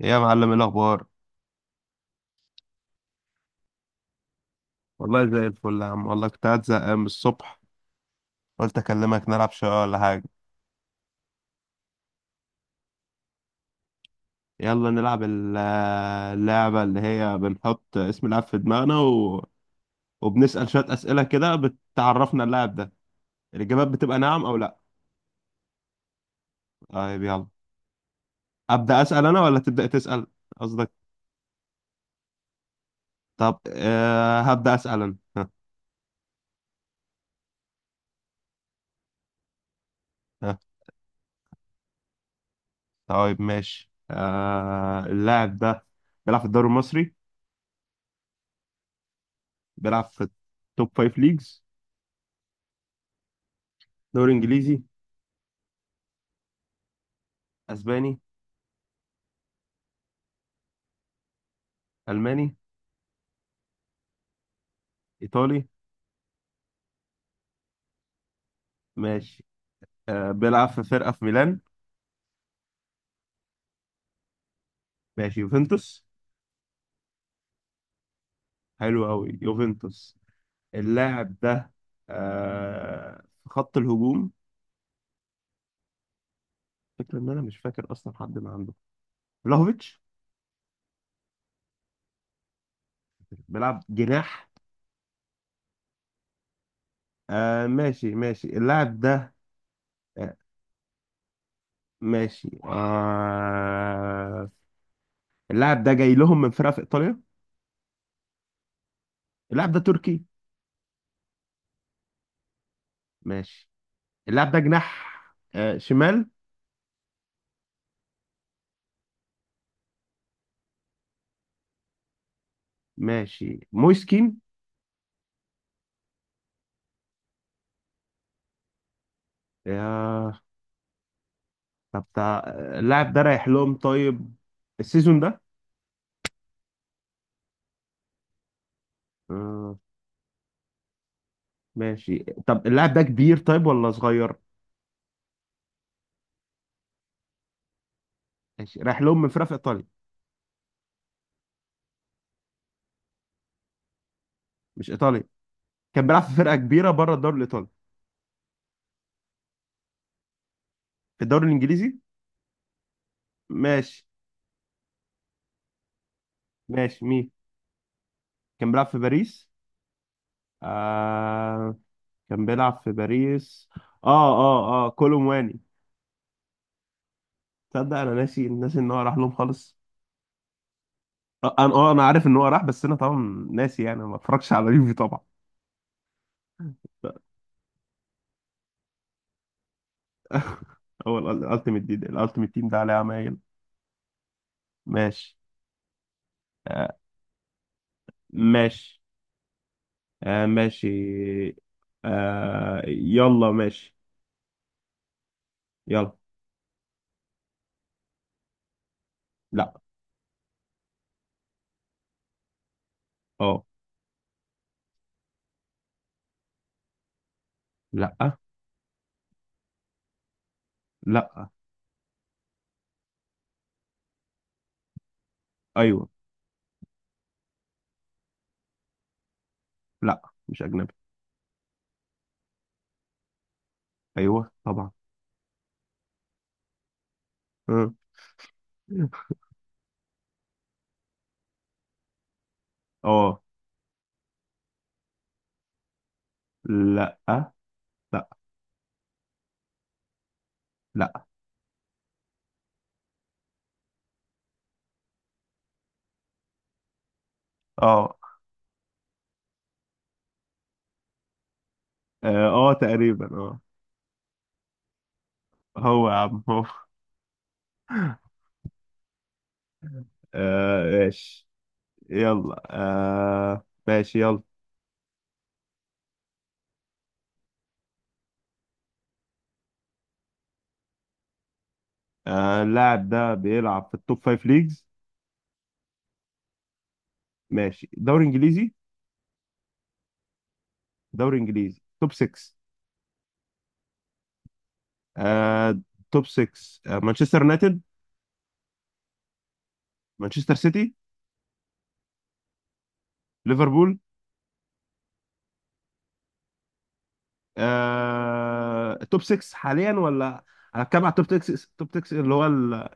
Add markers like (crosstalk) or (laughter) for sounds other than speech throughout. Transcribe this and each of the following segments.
ايه يا معلم، ايه الاخبار؟ والله زي الفل يا عم، والله كنت قاعد زهقان من الصبح. قلت اكلمك نلعب شويه ولا حاجه. يلا نلعب اللعبه اللي هي بنحط اسم اللاعب في دماغنا وبنسال شويه اسئله كده بتعرفنا اللاعب ده. الاجابات بتبقى نعم او لا. طيب يلا، ابدا اسال انا ولا تبدا تسال، قصدك. طب هبدا اسال انا، ها، ها. طيب ماشي. اللاعب ده بيلعب في الدوري المصري؟ بيلعب في التوب فايف ليجز؟ دوري انجليزي؟ اسباني؟ الماني؟ ايطالي؟ ماشي. بيلعب في فرقه في ميلان؟ ماشي، يوفنتوس؟ حلو قوي يوفنتوس. اللاعب ده في خط الهجوم؟ فكرة ان انا مش فاكر اصلا حد ما عنده. فلاهوفيتش؟ بيلعب جناح؟ آه، ماشي ماشي، اللاعب ده. آه ماشي آه. اللاعب ده جاي لهم من فرقه في ايطاليا؟ اللاعب ده تركي؟ ماشي. اللاعب ده جناح؟ آه، شمال؟ ماشي، مويسكين؟ يا، طب اللاعب ده رايح لهم طيب؟ السيزون ده؟ آه. ماشي. طب اللاعب ده كبير طيب ولا صغير؟ ماشي، رايح لهم من فرقة في ايطاليا؟ مش ايطاليا؟ كان بيلعب في فرقة كبيرة بره الدوري الايطالي. في الدوري الانجليزي؟ ماشي. ماشي، مين؟ كان بيلعب في باريس؟ آه. كان بيلعب في باريس. اه، اه، اه، كولومواني! تصدق انا ناسي ناسي ان هو راح لهم خالص. آه، انا عارف ان هو راح، بس انا طبعا ناسي يعني ما اتفرجش على اليوفي طبعا. هو الالتيميت، دي الالتيميت تيم ده عليه عمايل. ماشي. آه، ماشي، آه. ماشي. آه، يلا ماشي. يلا. لا. اه. لا. لا. ايوه. لا. مش اجنبي. ايوه طبعا. اه. آه. لا. لا. لا اه. اه. آه، تقريبا اه. هو يا عم، هو! آه ماشي يلا. آه ماشي يلا. آه، اللاعب ده بيلعب في التوب فايف ليجز؟ ماشي، دوري انجليزي؟ دوري انجليزي، توب 6؟ آه. توب 6. مانشستر يونايتد؟ مانشستر سيتي؟ ليفربول؟ توب 6 حاليا ولا؟ انا بتكلم على التوب 6، توب 6 اللي هو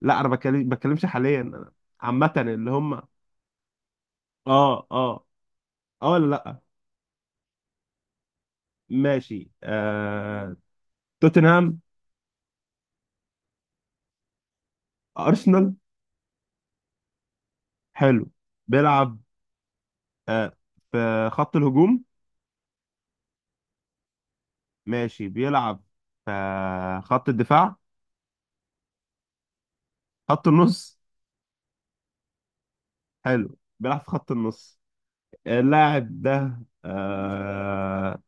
لا، انا بتكلمش حاليا أنا. عامة اللي هم اه اه. اه ولا لا؟ ماشي، آه. توتنهام؟ ارسنال؟ حلو. بيلعب آه في خط الهجوم؟ ماشي، بيلعب في خط الدفاع؟ خط النص؟ حلو، بيلعب في خط النص. اللاعب ده آه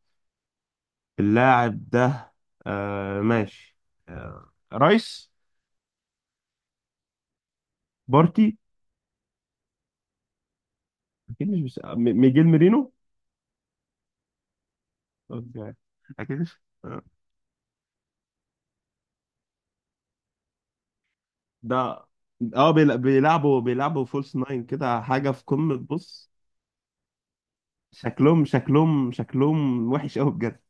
اللاعب ده، آه ماشي آه رايس؟ بارتي؟ اكيد مش، ميجيل ميرينو! أوكي. اكيد مش. آه. ده، اه، بيلعبوا فولس ناين كده حاجه في قمه، بص. شكلهم شكلهم شكلهم وحش قوي بجد!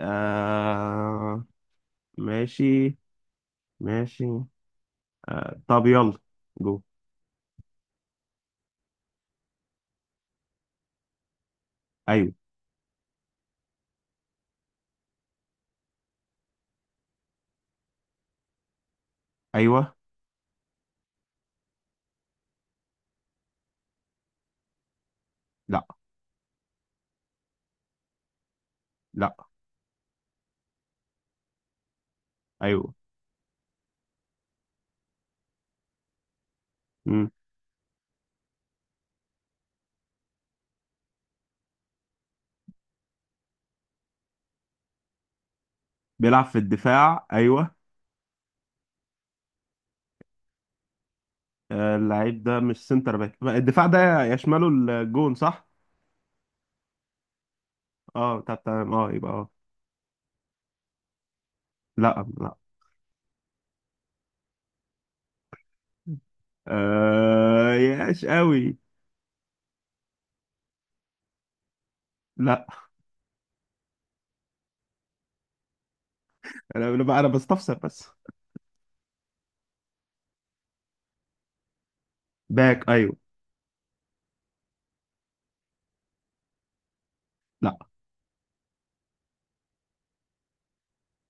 آه ماشي ماشي. آه، طب يلا، جو. ايوه. ايوه. لا. لا. ايوه. مم. بيلعب في الدفاع، ايوه. آه، اللعيب ده مش سنتر باك، الدفاع ده يشمله الجون صح؟ اه، طب تمام، اه يبقى اه. لا. لا. آه، ياش قوي. لا. أنا بقى انا بستفسر بس. باك، ايوه. لا.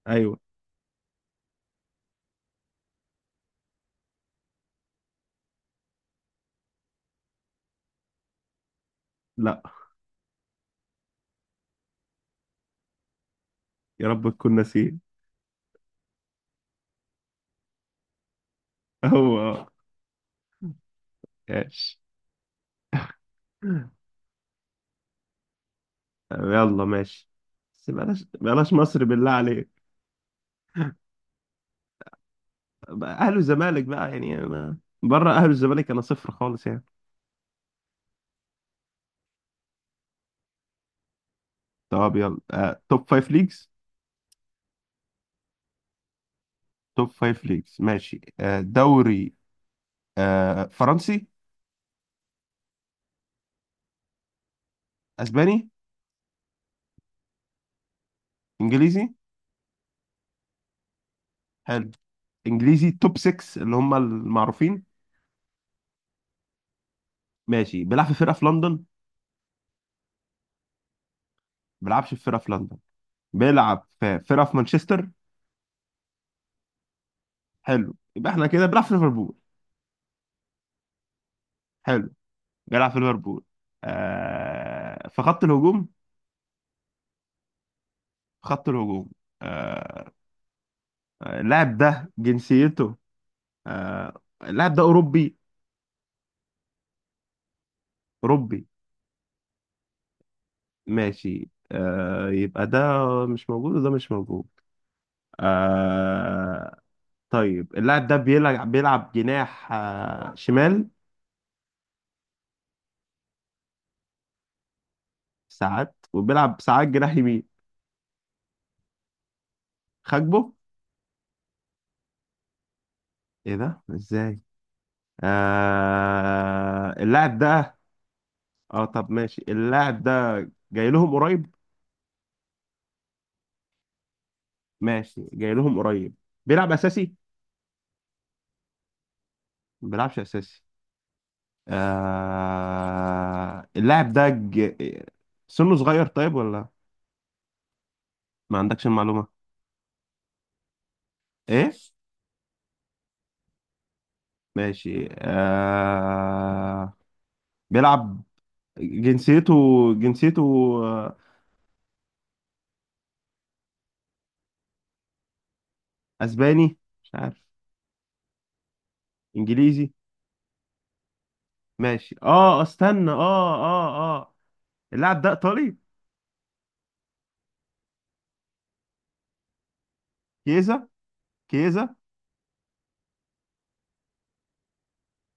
ايوه. لا. يا رب تكون ناسيه! (laughs) هو اه. ياش. يلا ماشي. بس بلاش بلاش مصر بالله عليك! بقى اهلي والزمالك بقى يعني انا بره اهلي والزمالك انا صفر خالص يعني. طب يلا. آه، توب فايف ليجز؟ توب فايف ليجز، ماشي. آه، دوري. آه، فرنسي؟ اسباني؟ انجليزي؟ حلو. انجليزي توب 6 اللي هم المعروفين؟ ماشي، بيلعب في فرقه في لندن، ما بيلعبش في فرقه في لندن؟ بيلعب في فرقه في مانشستر؟ حلو، يبقى احنا كده بيلعب في ليفربول. حلو. بيلعب في ليفربول. في خط الهجوم؟ في خط الهجوم. آه اللاعب ده جنسيته. اللاعب ده اوروبي؟ اوروبي. ماشي، آه يبقى ده مش موجود وده مش موجود. آه. طيب، اللاعب ده بيلعب جناح آه، شمال؟ ساعات وبيلعب ساعات جناح يمين؟ خاكبو؟ ايه ده؟ ازاي؟ اللاعب ده. اه طب ماشي، اللاعب ده جاي لهم قريب؟ ماشي، جاي لهم قريب. بيلعب اساسي؟ ما بيلعبش اساسي. اللاعب ده سنه صغير طيب ولا ما عندكش المعلومة؟ ايه؟ ماشي بيلعب. جنسيته. جنسيته. آه، اسباني؟ مش عارف. انجليزي؟ ماشي اه، استنى، اه اه اه. اللاعب ده ايطالي؟ كيزا؟ كيزا!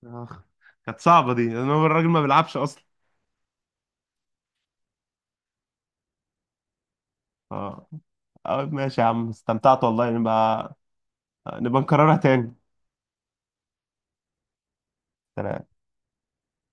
اخ! كانت صعبة دي، لان هو الراجل ما بيلعبش اصلا. اه. آه، ماشي يا عم، استمتعت والله، نبقى نكررها تاني. سلام.